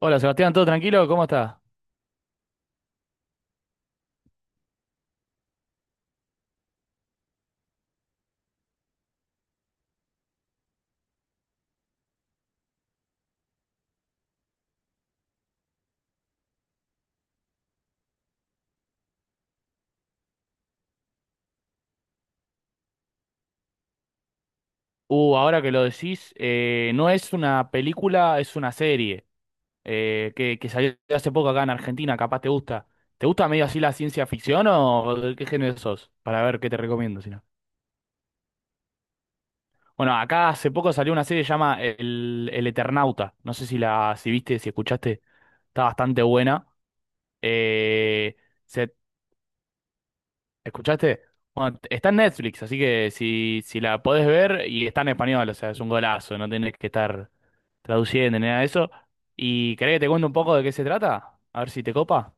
Hola Sebastián, ¿todo tranquilo? ¿Cómo estás? Ahora que lo decís, no es una película, es una serie que salió hace poco acá en Argentina, capaz te gusta. ¿Te gusta medio así la ciencia ficción o de qué género sos? Para ver qué te recomiendo, si no. Bueno, acá hace poco salió una serie que se llama El Eternauta. No sé si viste, si escuchaste, está bastante buena. Eh, se ¿Escuchaste? Bueno, está en Netflix, así que si la podés ver y está en español, o sea, es un golazo, no tenés que estar traduciendo ni nada de eso. ¿Y querés que te cuente un poco de qué se trata? A ver si te copa.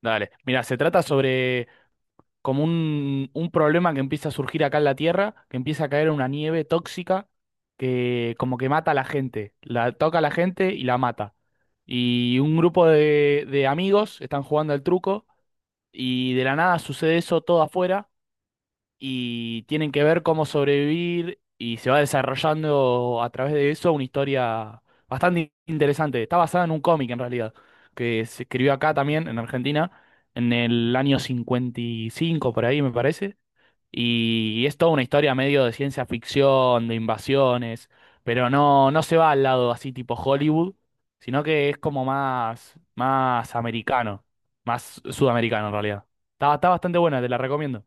Dale. Mira, se trata sobre como un problema que empieza a surgir acá en la Tierra, que empieza a caer una nieve tóxica que como que mata a la gente, la toca a la gente y la mata. Y un grupo de amigos están jugando al truco y de la nada sucede eso todo afuera y tienen que ver cómo sobrevivir y se va desarrollando a través de eso una historia bastante interesante. Está basada en un cómic en realidad, que se escribió acá también en Argentina en el año 55 por ahí me parece, y es toda una historia medio de ciencia ficción, de invasiones, pero no se va al lado así tipo Hollywood, sino que es como más americano, más sudamericano en realidad. Está bastante buena, te la recomiendo.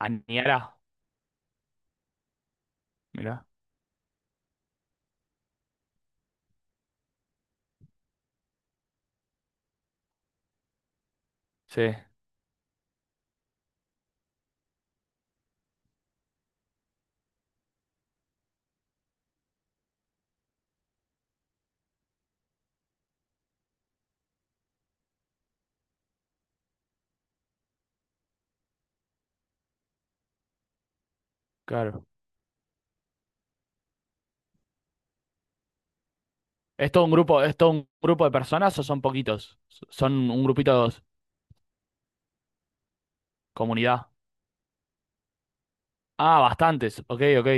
Aniara. Mira, sí, claro. ¿Es todo un grupo, es todo un grupo de personas o son poquitos? Son un grupito, comunidad. Ah, bastantes. Ok, ok.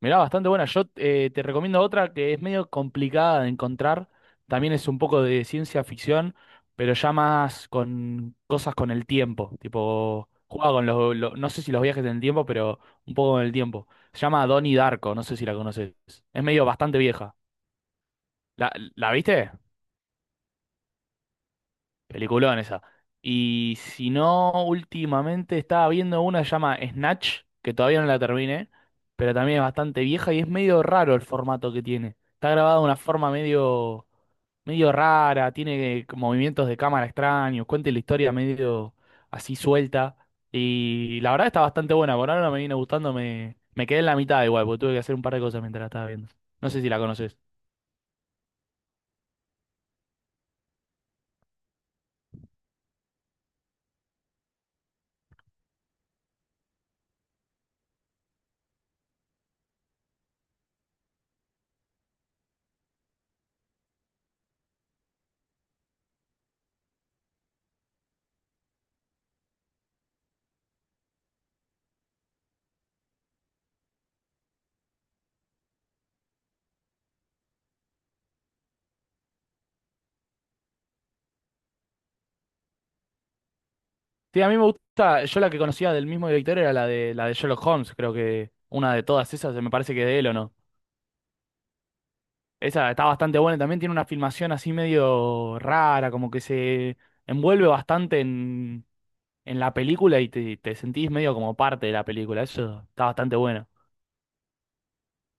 Mirá, bastante buena. Yo, te recomiendo otra que es medio complicada de encontrar. También es un poco de ciencia ficción, pero ya más con cosas con el tiempo. Tipo, juega con los, no sé si los viajes en el tiempo, pero un poco con el tiempo. Se llama Donnie Darko, no sé si la conoces. Es medio bastante vieja. ¿La, ¿La viste? Peliculón esa. Y si no, últimamente estaba viendo una que se llama Snatch, que todavía no la terminé, pero también es bastante vieja y es medio raro el formato que tiene. Está grabada de una forma medio rara, tiene movimientos de cámara extraños, cuenta la historia medio así suelta. Y la verdad está bastante buena, por ahora no me viene gustando, me quedé en la mitad igual, porque tuve que hacer un par de cosas mientras la estaba viendo. No sé si la conoces. Sí, a mí me gusta, yo la que conocía del mismo director era la de Sherlock Holmes, creo que una de todas esas, me parece que de él o no. Esa está bastante buena, también tiene una filmación así medio rara, como que se envuelve bastante en la película y te sentís medio como parte de la película, eso está bastante bueno.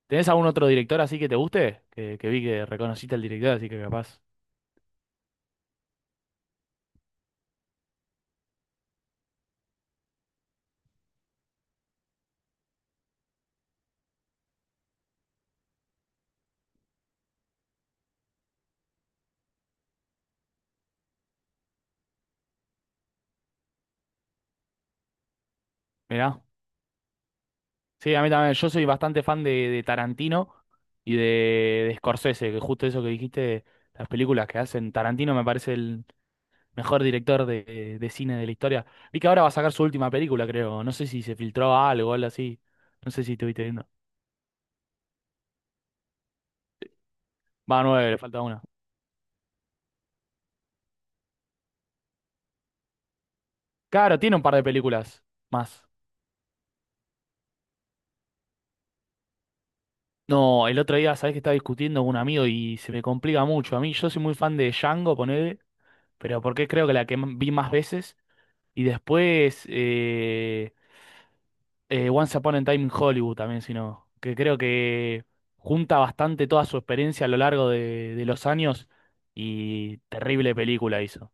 ¿Tenés algún otro director así que te guste? Que vi que reconociste al director, así que capaz. Mirá. Sí, a mí también. Yo soy bastante fan de Tarantino y de, de Scorsese, que justo eso que dijiste, las películas que hacen. Tarantino me parece el mejor director de cine de la historia. Vi que ahora va a sacar su última película, creo. No sé si se filtró algo o algo así. No sé si estuviste viendo. Va, nueve, le falta una. Claro, tiene un par de películas más. No, el otro día, sabés que estaba discutiendo con un amigo y se me complica mucho. A mí, yo soy muy fan de Django, ponele, pero porque creo que la que vi más veces. Y después, Once Upon a Time in Hollywood también, sino que creo que junta bastante toda su experiencia a lo largo de los años y terrible película hizo.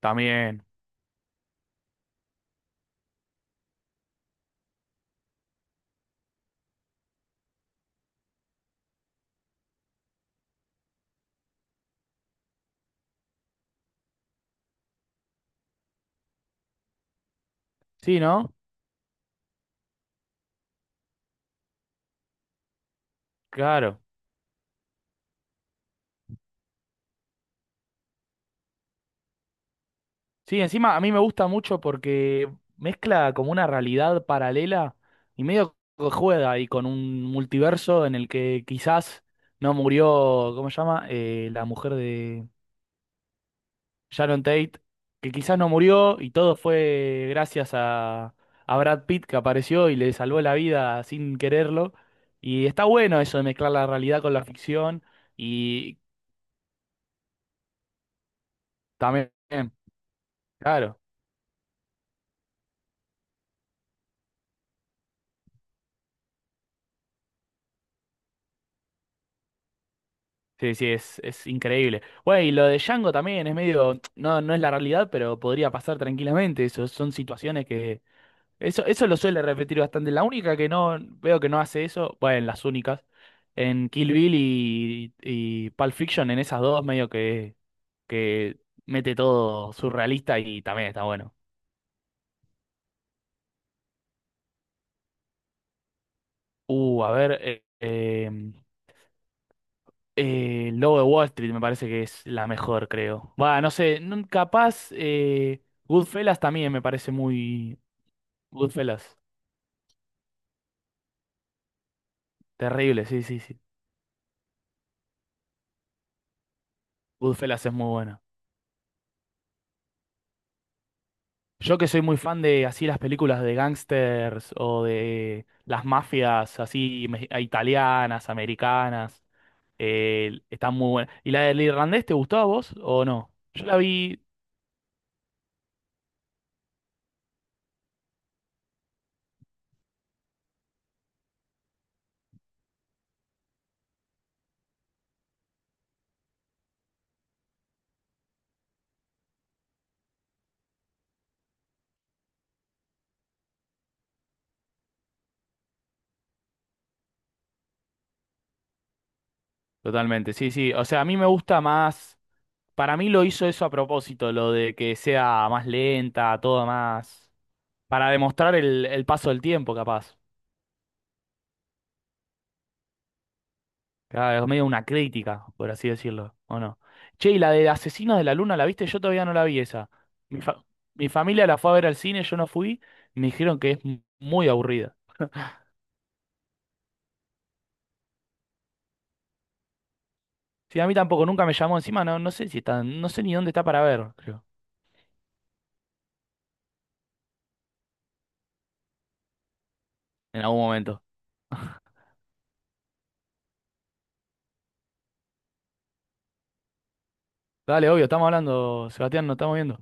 También. Sí, ¿no? Claro. Sí, encima a mí me gusta mucho porque mezcla como una realidad paralela y medio que juega ahí con un multiverso en el que quizás no murió, ¿cómo se llama? La mujer de... Sharon Tate, que quizás no murió y todo fue gracias a Brad Pitt que apareció y le salvó la vida sin quererlo. Y está bueno eso de mezclar la realidad con la ficción y también, claro, sí, sí, es increíble. Bueno, y lo de Django también es medio, no, no es la realidad, pero podría pasar tranquilamente. Eso son situaciones que... Eso lo suele repetir bastante. La única que no veo que no hace eso, bueno, las únicas. En Kill Bill y Pulp Fiction, en esas dos, medio que mete todo surrealista y también está bueno. Uh, a ver, eh, em, El Lobo de Wall Street me parece que es la mejor, creo. Va, no sé, capaz Goodfellas también me parece muy... Goodfellas, terrible, sí, sí, sí. Goodfellas es muy buena. Yo que soy muy fan de así las películas de gangsters o de las mafias así italianas, americanas. Está muy buena. ¿Y la del irlandés te gustó a vos o no? Yo la vi totalmente, sí, sí. O sea, a mí me gusta más. Para mí lo hizo eso a propósito, lo de que sea más lenta, todo más. Para demostrar el paso del tiempo, capaz. Claro, es medio una crítica, por así decirlo, ¿o no? Che, ¿y la de Asesinos de la Luna la viste? Yo todavía no la vi esa. Mi fa- mi familia la fue a ver al cine, yo no fui. Me dijeron que es muy aburrida. Sí, a mí tampoco, nunca me llamó encima, no, no sé si está, no sé ni dónde está para ver, creo. En algún momento. Dale, obvio, estamos hablando, Sebastián, nos estamos viendo.